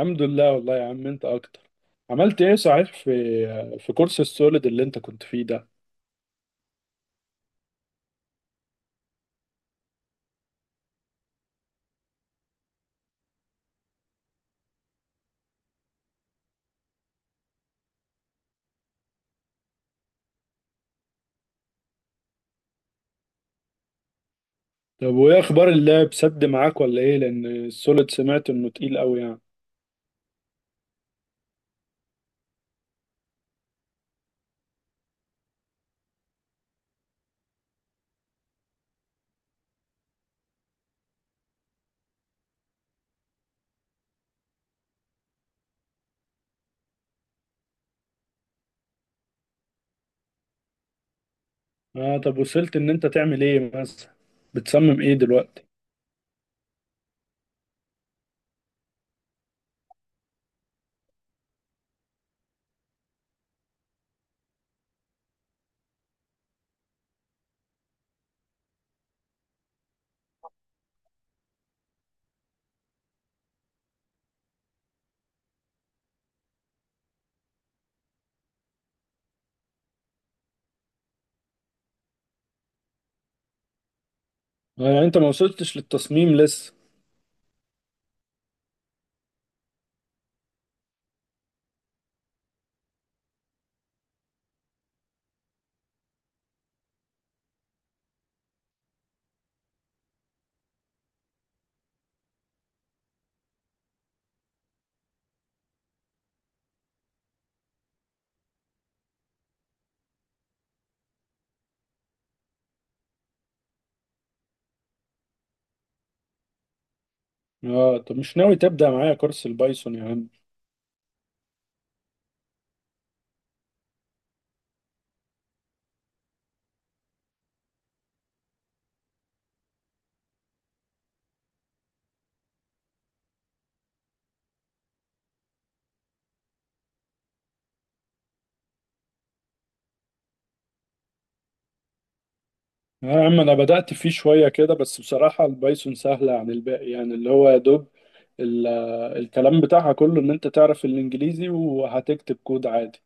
الحمد لله والله يا عم انت اكتر. عملت ايه صحيح في في كورس السوليد اللي انت كنت فيه ده؟ طب وايه اخبار اللاب سد معاك ولا ايه؟ لان السوليد سمعت انه تقيل قوي يعني. اه طب وصلت ان انت تعمل ايه مثلا؟ بتصمم ايه دلوقتي؟ اه يعني انت ما وصلتش للتصميم لسه؟ اه طب مش ناوي تبدأ معايا كورس البايثون يا عم؟ اه يا عم انا بدأت فيه شوية كده، بس بصراحة البايثون سهلة عن الباقي، يعني اللي هو يا دوب ال- الكلام بتاعها كله ان انت تعرف الانجليزي وهتكتب كود عادي.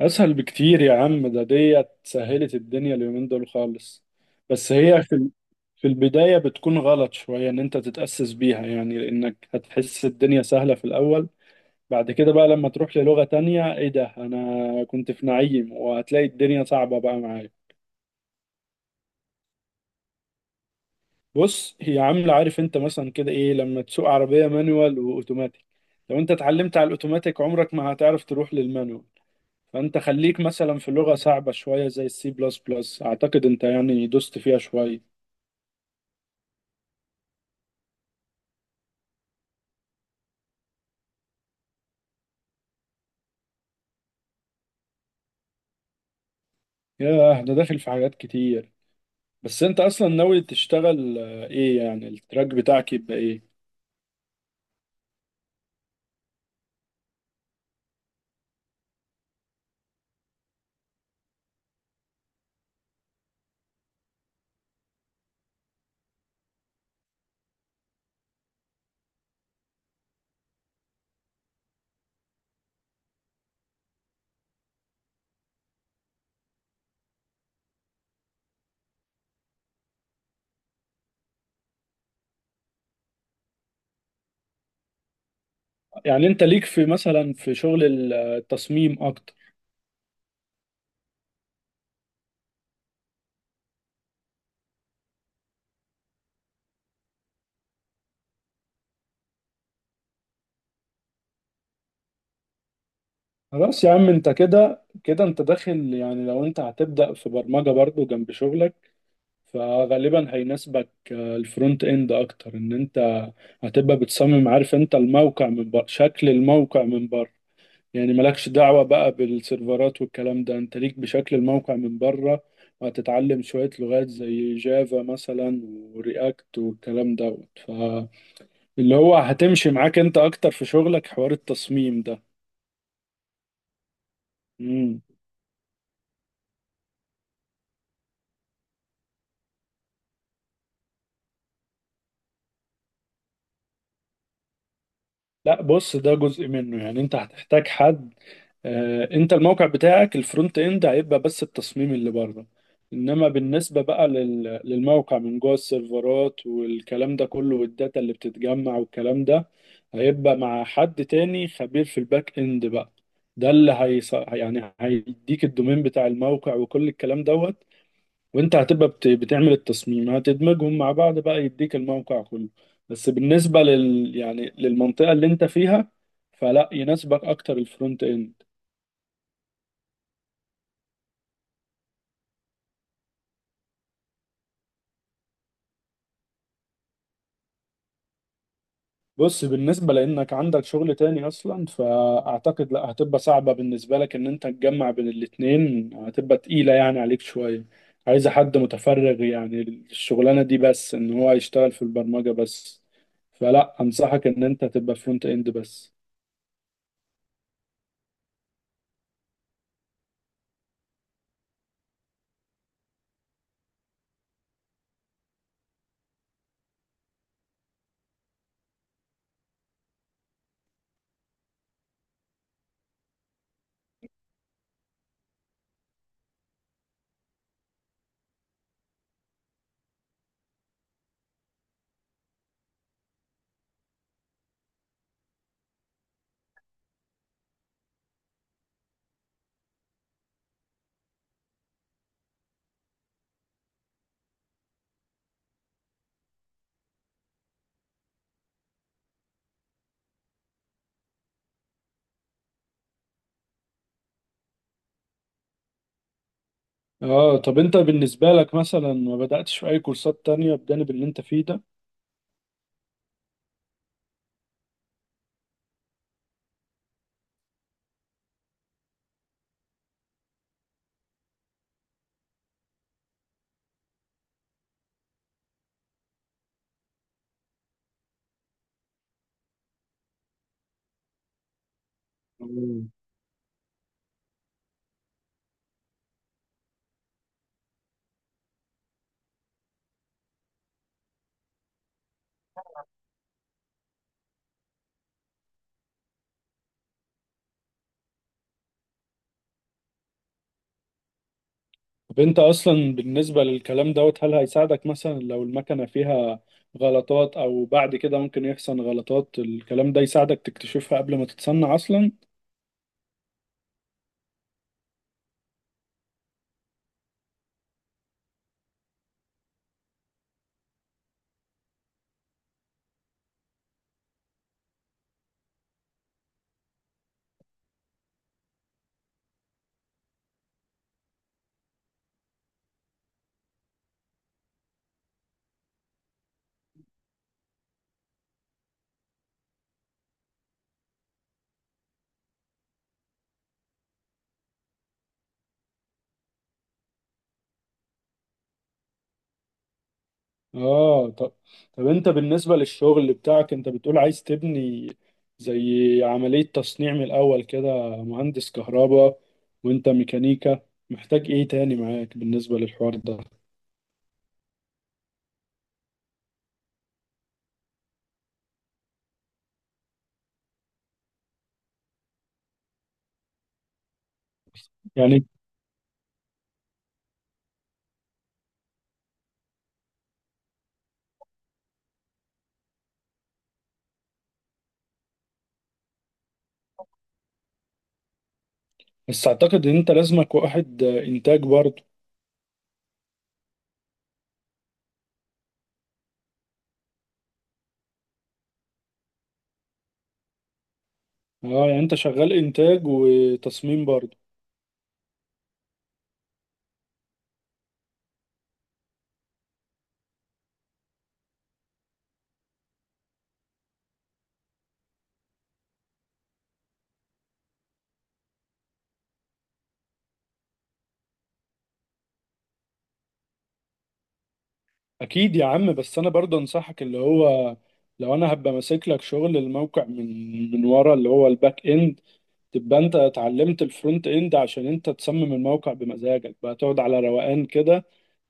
اسهل بكتير يا عم، ده ديت سهلت الدنيا اليومين دول خالص. بس هي في في البداية بتكون غلط شوية ان انت تتأسس بيها، يعني لانك هتحس الدنيا سهلة في الاول. بعد كده بقى لما تروح للغة تانية ايه ده، انا كنت في نعيم، وهتلاقي الدنيا صعبة بقى معايا. بص هي عاملة، عارف انت مثلا كده ايه لما تسوق عربية مانوال واوتوماتيك؟ لو انت اتعلمت على الاوتوماتيك عمرك ما هتعرف تروح للمانوال. فانت خليك مثلا في لغة صعبة شوية زي السي بلس بلس، اعتقد انت يعني دوست فيها شوية. ياه، ده داخل في حاجات كتير. بس انت اصلا ناوي تشتغل ايه، يعني التراك بتاعك يبقى ايه؟ يعني انت ليك في مثلا في شغل التصميم اكتر؟ خلاص يا عم انت كده كده انت داخل، يعني لو انت هتبدأ في برمجة برضو جنب شغلك فغالبا هيناسبك الفرونت اند اكتر، ان انت هتبقى بتصمم، عارف انت الموقع من بره، شكل الموقع من بره. يعني مالكش دعوة بقى بالسيرفرات والكلام ده، انت ليك بشكل الموقع من بره. وهتتعلم شوية لغات زي جافا مثلا ورياكت والكلام دوت، فاللي هو هتمشي معاك انت اكتر في شغلك حوار التصميم ده. مم. لا بص، ده جزء منه يعني، انت هتحتاج حد. انت الموقع بتاعك الفرونت اند هيبقى بس التصميم اللي بره، انما بالنسبه بقى للموقع من جوه، السيرفرات والكلام ده كله والداتا اللي بتتجمع والكلام ده هيبقى مع حد تاني خبير في الباك اند بقى. ده اللي يعني هيديك الدومين بتاع الموقع وكل الكلام دوت، وانت هتبقى بتعمل التصميم، هتدمجهم مع بعض بقى يديك الموقع كله. بس بالنسبة لل يعني للمنطقة اللي انت فيها فلا يناسبك اكتر الفرونت اند. بص بالنسبة لانك عندك شغل تاني اصلا، فاعتقد لا، هتبقى صعبة بالنسبة لك ان انت تجمع بين الاتنين، هتبقى تقيلة يعني عليك شوية. عايزة حد متفرغ يعني الشغلانة دي، بس ان هو يشتغل في البرمجة بس. فلا انصحك ان انت تبقى فرونت اند بس. اه طب انت بالنسبة لك مثلا ما بدأتش في اي كورسات تانية بجانب اللي انت فيه ده؟ مم. طب انت اصلا بالنسبة للكلام دوت، هل هيساعدك مثلا لو المكنة فيها غلطات، او بعد كده ممكن يحصل غلطات، الكلام ده يساعدك تكتشفها قبل ما تتصنع اصلا؟ اه طب. طب انت بالنسبة للشغل بتاعك انت بتقول عايز تبني زي عملية تصنيع من الاول كده، مهندس كهرباء وانت ميكانيكا، محتاج ايه تاني معاك بالنسبة للحوار ده؟ يعني بس اعتقد ان انت لازمك واحد انتاج برضه. اه يعني انت شغال انتاج وتصميم برضه؟ اكيد يا عم، بس انا برضه انصحك، اللي هو لو انا هبقى ماسك لك شغل الموقع من ورا، اللي هو الباك اند، تبقى انت اتعلمت الفرونت اند عشان انت تصمم الموقع بمزاجك بقى، تقعد على روقان كده،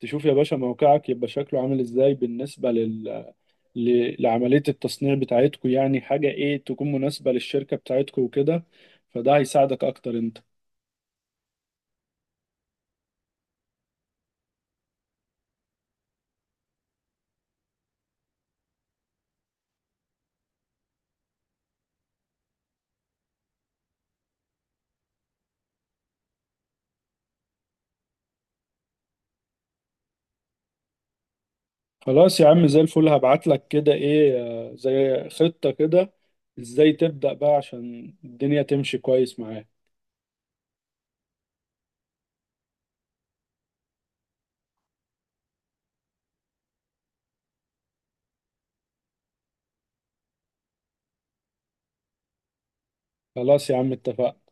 تشوف يا باشا موقعك يبقى شكله عامل ازاي بالنسبة لل... ل... لعملية التصنيع بتاعتكو، يعني حاجة ايه تكون مناسبة للشركة بتاعتكو وكده. فده هيساعدك اكتر انت. خلاص يا عم زي الفل، هبعت لك كده ايه زي خطة كده، ازاي تبدأ بقى عشان الدنيا تمشي كويس معاك. خلاص يا عم اتفقنا.